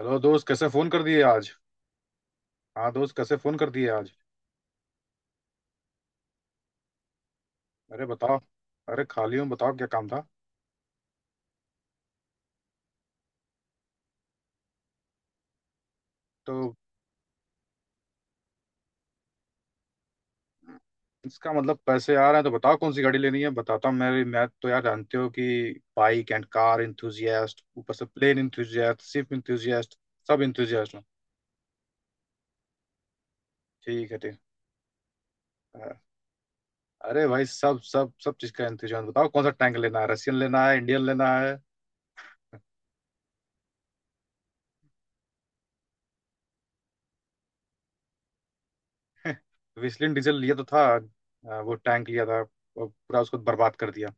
Hello दोस्त, कैसे phone कर दिए आज। हाँ दोस्त, कैसे फोन कर दिए आज। अरे बताओ। अरे खाली हूँ, बताओ क्या काम था। तो इसका मतलब पैसे आ रहे हैं। तो बताओ कौन सी गाड़ी लेनी है, बताता हूँ। मेरी मैं तो यार जानते हो कि बाइक एंड कार इंथुजियास्ट, ऊपर से प्लेन इंथुजियास्ट, शिप इंथुजियास्ट, सब इंथुजियास्ट हूँ। ठीक है, ठीक है। अरे भाई सब सब सब चीज़ का इंतजाम। बताओ कौन सा टैंक लेना है, रशियन लेना है, इंडियन लेना है। वेस्लिन डीजल लिया तो था वो टैंक लिया था। वो पूरा उसको बर्बाद कर दिया।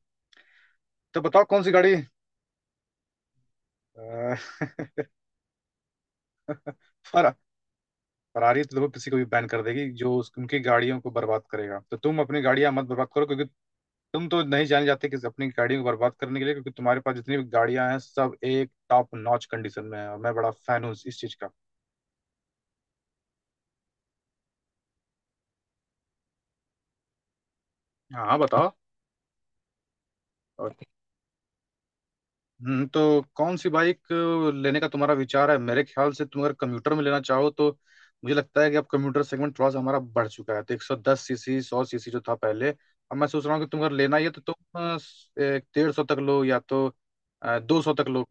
तो बताओ कौन सी गाड़ी। अ, फर, फरारी तो देखो किसी को भी बैन कर देगी जो उनकी गाड़ियों को बर्बाद करेगा, तो तुम अपनी गाड़ियां मत बर्बाद करो, क्योंकि तुम तो नहीं जाने जाते कि अपनी गाड़ियों को बर्बाद करने के लिए, क्योंकि तुम्हारे पास जितनी भी गाड़ियां हैं सब एक टॉप नॉच कंडीशन में है, और मैं बड़ा फैन हूँ इस चीज का। हाँ हाँ, बताओ। और तो कौन सी बाइक लेने का तुम्हारा विचार है। मेरे ख्याल से तुम अगर कम्यूटर में लेना चाहो, तो मुझे लगता है कि अब कम्यूटर सेगमेंट थोड़ा सा हमारा बढ़ चुका है। तो 110 सीसी, 100 सीसी जो था पहले, अब मैं सोच रहा हूँ कि तुम अगर लेना ही है तो तुम 150 तक लो, या तो 200 तक लो।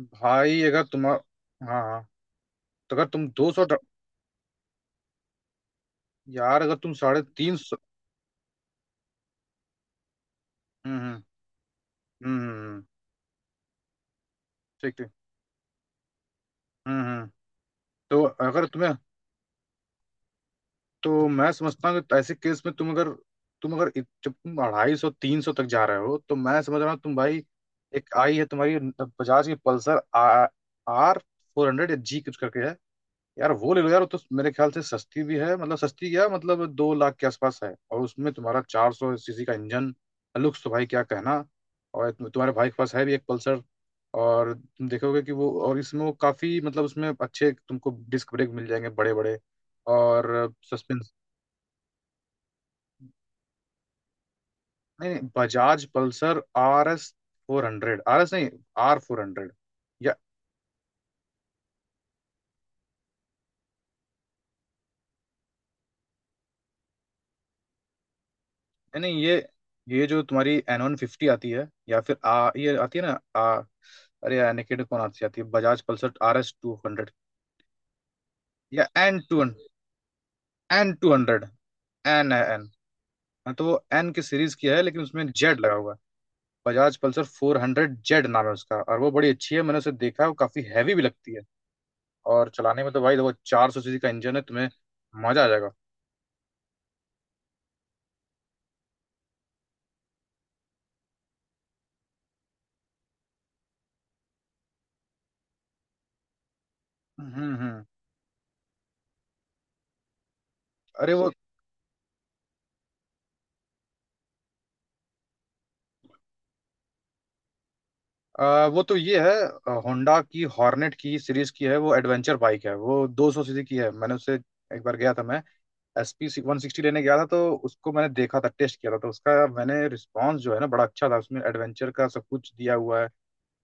भाई अगर तुम, हाँ, हाँ। तो अगर तुम 200, यार अगर तुम 350। हम्म हम्म हम्म, ठीक ठीक। हम्म। तो अगर तुम्हें, तो मैं समझता हूँ कि ऐसे केस में तुम अगर, तुम अगर जब तुम 250 300 तक जा रहे हो तो मैं समझ रहा हूँ, तुम भाई, एक आई है तुम्हारी बजाज की पल्सर, आर 400 या जी कुछ करके है। यार वो ले लो, यार वो तो मेरे ख्याल से सस्ती भी है, मतलब सस्ती क्या मतलब 2 लाख के आसपास है, और उसमें तुम्हारा 400 सीसी का इंजन। लुक्स तो भाई क्या कहना। और तुम्हारे भाई के पास है भी एक पल्सर। और तुम देखोगे कि वो, और इसमें वो काफी मतलब उसमें अच्छे तुमको डिस्क ब्रेक मिल जाएंगे बड़े बड़े, और सस्पेंस। नहीं नहीं Bajaj Pulsar R S 400, are S नहीं, आर फोर हंड्रेड या। नहीं नहीं, ये जो तुम्हारी एन 150 आती है या फिर आ ये आती है ना। आ अरे यार निकेट कौन आती, आती है बजाज पल्सर आर एस 200 या एन टू, एन 200। एन है, एन। हाँ तो वो एन की सीरीज की है, लेकिन उसमें जेड लगा हुआ है। बजाज पल्सर 400 जेड नाम है उसका, और वो बड़ी अच्छी है, मैंने उसे देखा है, वो काफी हैवी भी लगती है और चलाने में तो भाई देखो 400 सीसी का इंजन है, तुम्हें मजा आ जाएगा। हम्म। अरे वो, वो तो ये है, होंडा की हॉर्नेट की सीरीज की है, वो एडवेंचर बाइक है, वो 200 सीसी की है। मैंने उससे एक बार गया था, मैं एस पी 160 लेने गया था, तो उसको मैंने देखा था, टेस्ट किया था तो उसका मैंने रिस्पांस जो है ना बड़ा अच्छा था। उसमें एडवेंचर का सब कुछ दिया हुआ है,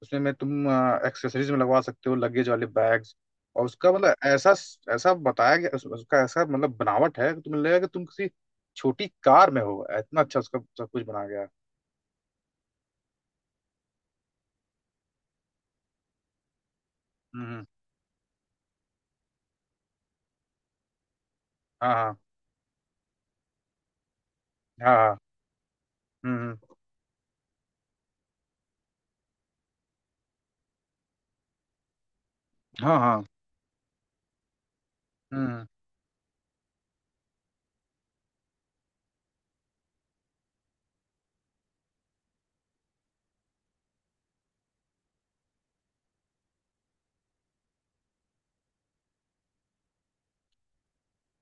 उसमें मैं तुम एक्सेसरीज में लगवा सकते हो लगेज वाले बैग्स, और उसका मतलब ऐसा ऐसा बताया गया। उसका ऐसा मतलब बनावट है कि तुम्हें लगेगा कि तुम किसी छोटी कार में हो, इतना अच्छा उसका सब कुछ बनाया गया है। हम्म हम्म, हाँ हाँ हाँ, हाँ, हम्म हम्म, हाँ हाँ, हम्म।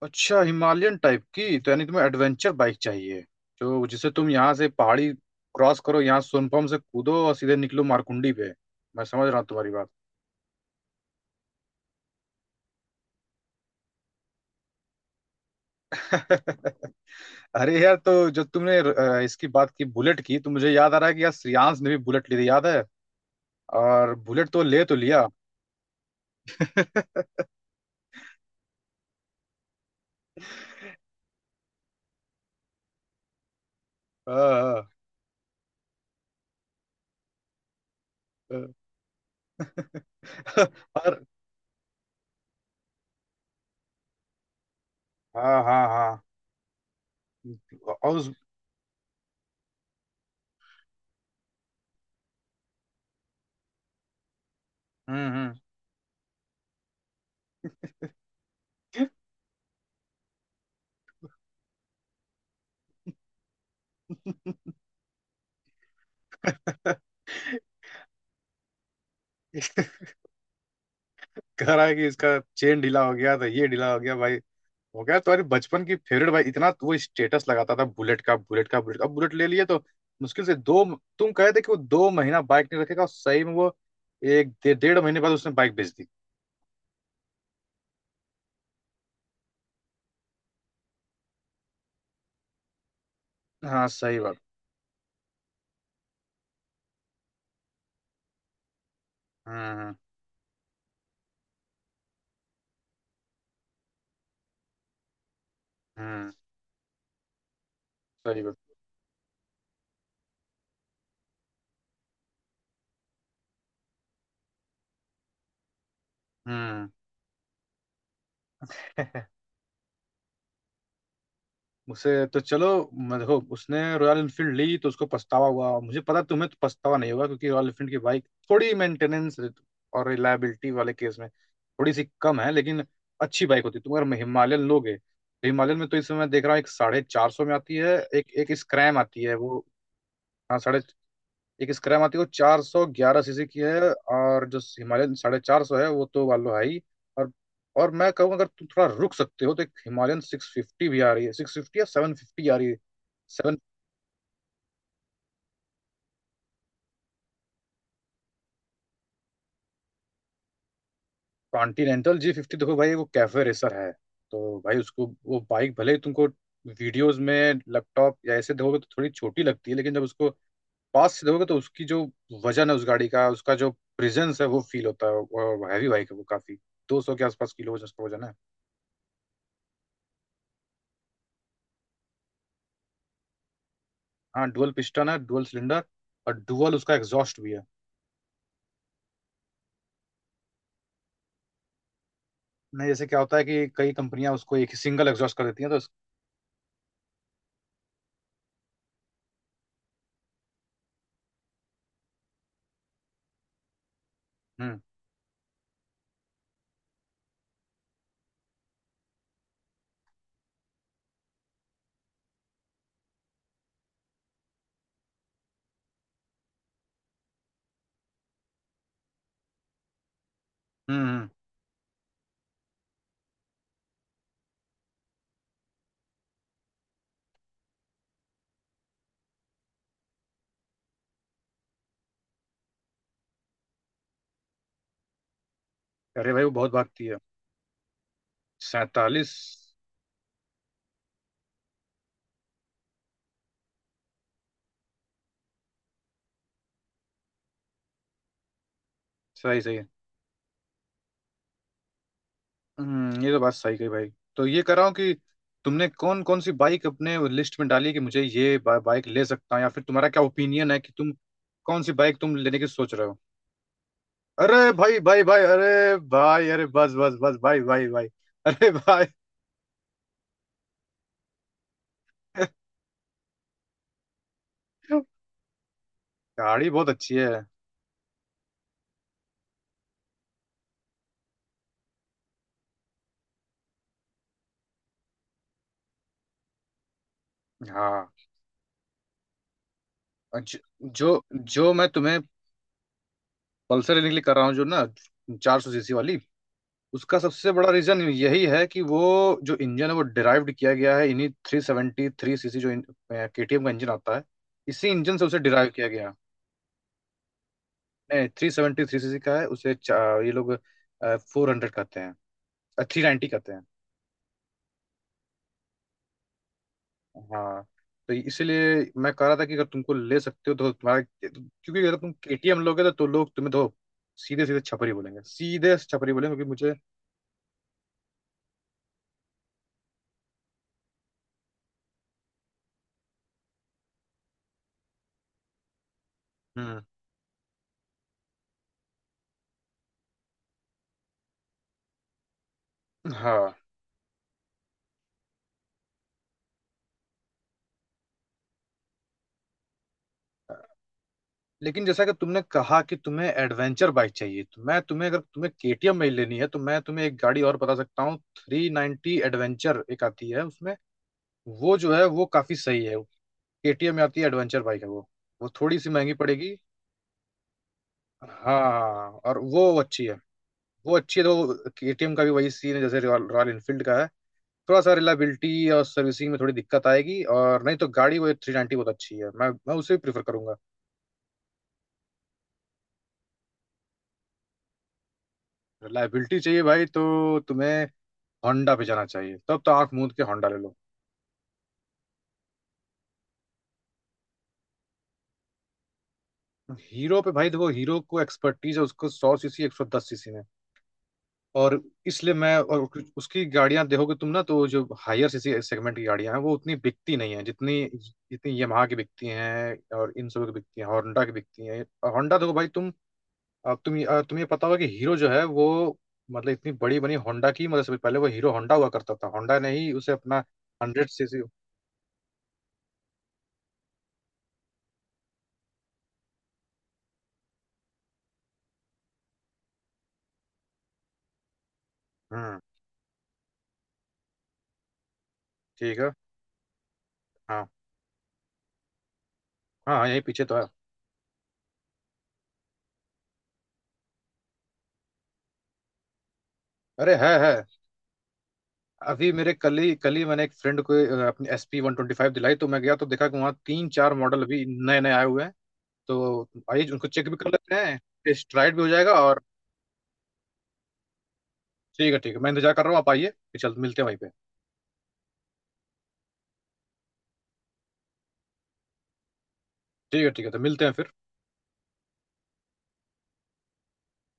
अच्छा हिमालयन टाइप की, तो यानी तुम्हें एडवेंचर बाइक चाहिए, जो जिसे तुम यहाँ से पहाड़ी क्रॉस करो, यहाँ सोनपुर से कूदो और सीधे निकलो मारकुंडी पे। मैं समझ रहा हूँ तुम्हारी बात। अरे यार तो जब तुमने इसकी बात की, बुलेट की, तो मुझे याद आ रहा है कि यार श्रेयांश ने भी बुलेट ली थी, याद है। और बुलेट तो ले तो लिया। हाँ, हाँ, हाँ। और, हाँ हाँ हाँ, और उस, हम्म हम्म। कह रहा है कि इसका चेन ढीला हो गया था, ये ढीला हो गया भाई, हो गया। तुम्हारी बचपन की फेवरेट भाई, इतना तो वो स्टेटस लगाता था बुलेट का, बुलेट का, बुलेट का, अब बुलेट ले लिए तो मुश्किल से दो। तुम कहे थे कि वो दो महीना बाइक नहीं रखेगा, और सही में वो एक डेढ़ महीने बाद उसने बाइक बेच दी। हाँ सही बात। हम्म हम्म। सही बात। हम्म। उसे तो चलो, मैं देखो उसने रॉयल इनफील्ड ली तो उसको पछतावा हुआ, मुझे पता तुम्हें तो पछतावा नहीं होगा, क्योंकि रॉयल इनफील्ड की बाइक थोड़ी मेंटेनेंस और रिलायबिलिटी वाले केस में थोड़ी सी कम है, लेकिन अच्छी बाइक होती है। तुम अगर हिमालयन लोगे, तो हिमालयन में तो इस समय मैं देख रहा हूँ एक 450 में आती है, एक एक स्क्रैम आती है वो। हाँ साढ़े, एक स्क्रैम आती है वो 411 सीसी की है। और जो हिमालयन 450 है वो तो वालो है ही। और और मैं कहूँ अगर तुम थोड़ा रुक सकते हो तो एक हिमालयन 650 भी आ रही है, 650 या 750 आ रही है। सेवन, कॉन्टिनेंटल जी 50 देखो भाई वो कैफे रेसर है। तो भाई उसको वो बाइक भले ही तुमको वीडियोस में, लैपटॉप या ऐसे देखोगे तो थोड़ी छोटी लगती है, लेकिन जब उसको पास से देखोगे तो उसकी जो वजन है उस गाड़ी का, उसका जो प्रेजेंस है वो फील होता है, हैवी बाइक है वो, काफी 200 के आसपास किलो उसका वजन है। हाँ डुअल पिस्टन है, डुअल सिलेंडर, और डुअल उसका एग्जॉस्ट भी है। नहीं जैसे क्या होता है कि कई कंपनियां उसको एक ही सिंगल एग्जॉस्ट कर देती हैं, तो हम्म हम्म हम्म। अरे भाई वो बहुत भागती है। 47। सही सही है। हम्म, ये तो बात सही कही भाई। तो ये कर रहा हूँ कि तुमने कौन कौन सी बाइक अपने लिस्ट में डाली कि मुझे ये बाइक ले सकता हूँ, या फिर तुम्हारा क्या ओपिनियन है कि तुम कौन सी बाइक तुम लेने की सोच रहे हो। अरे भाई भाई भाई, अरे भाई, अरे बस बस बस भाई भाई भाई, अरे भाई। गाड़ी बहुत अच्छी है। हाँ, अच्छा। जो, जो मैं तुम्हें पल्सर लेने के लिए कर रहा हूँ जो ना, 400 सीसी वाली, उसका सबसे बड़ा रीजन यही है कि वो जो इंजन है वो डिराइव्ड किया गया है इन्हीं 373 सीसी जो केटीएम का इंजन आता है, इसी इंजन से उसे डिराइव किया गया है। नहीं 373 सीसी का है, उसे ये लोग 400 कहते हैं, 390 कहते हैं। हाँ, तो इसीलिए मैं कह रहा था कि अगर तुमको ले सकते हो तो तुम्हारा, क्योंकि अगर तुम केटीएम लोगे तो लोग तुम्हें तो सीधे सीधे छपरी बोलेंगे, सीधे छपरी बोलेंगे, क्योंकि मुझे हम्म। हाँ, लेकिन जैसा कि तुमने कहा कि तुम्हें एडवेंचर बाइक चाहिए, तो मैं तुम्हें, अगर तुम्हें केटीएम में ही लेनी है तो मैं तुम्हें एक गाड़ी और बता सकता हूँ, 390 एडवेंचर एक आती है उसमें। वो जो है वो काफी सही है। केटीएम में आती है, एडवेंचर बाइक है वो थोड़ी सी महंगी पड़ेगी। हाँ, और वो अच्छी है। वो अच्छी है, तो केटीएम का भी वही सीन है जैसे रॉयल रॉयल इनफील्ड का है। थोड़ा सा रिलायबिलिटी और सर्विसिंग में थोड़ी दिक्कत आएगी, और नहीं तो गाड़ी वो 390 बहुत अच्छी है, मैं उसे भी प्रीफर करूंगा। रिलायबिलिटी चाहिए भाई, तो तुम्हें होंडा पे जाना चाहिए, तब तो आंख मूंद के होंडा ले लो। हीरो पे भाई देखो, हीरो को एक्सपर्टीज है उसको 100 सीसी, 110 सीसी में। और इसलिए मैं, और उसकी उसकी गाड़ियां देखोगे तुम ना, तो जो हायर सीसी सेगमेंट की गाड़ियां हैं वो उतनी बिकती नहीं है जितनी, जितनी यमाहा की बिकती हैं और इन सब की बिकती हैं, होंडा की बिकती हैं। और होंडा देखो भाई तुम, अब तुम, तुम्हें पता होगा कि हीरो जो है वो मतलब इतनी बड़ी बनी, होंडा की मतलब से पहले वो हीरो होंडा हुआ करता था, होंडा ने ही उसे अपना 100 सीसी। हम्म, ठीक है। हाँ, हाँ, यही पीछे तो है। अरे है, अभी मेरे, कल ही मैंने एक फ्रेंड को अपनी एस पी 125 दिलाई, तो मैं गया तो देखा कि वहाँ तीन चार मॉडल अभी नए नए आए हुए हैं। तो आइए उनको चेक भी कर लेते हैं, टेस्ट राइड भी हो जाएगा। और ठीक है, ठीक है, मैं इंतजार कर रहा हूँ, आप आइए, फिर चल मिलते हैं वहीं पे। ठीक है ठीक है, तो मिलते हैं फिर।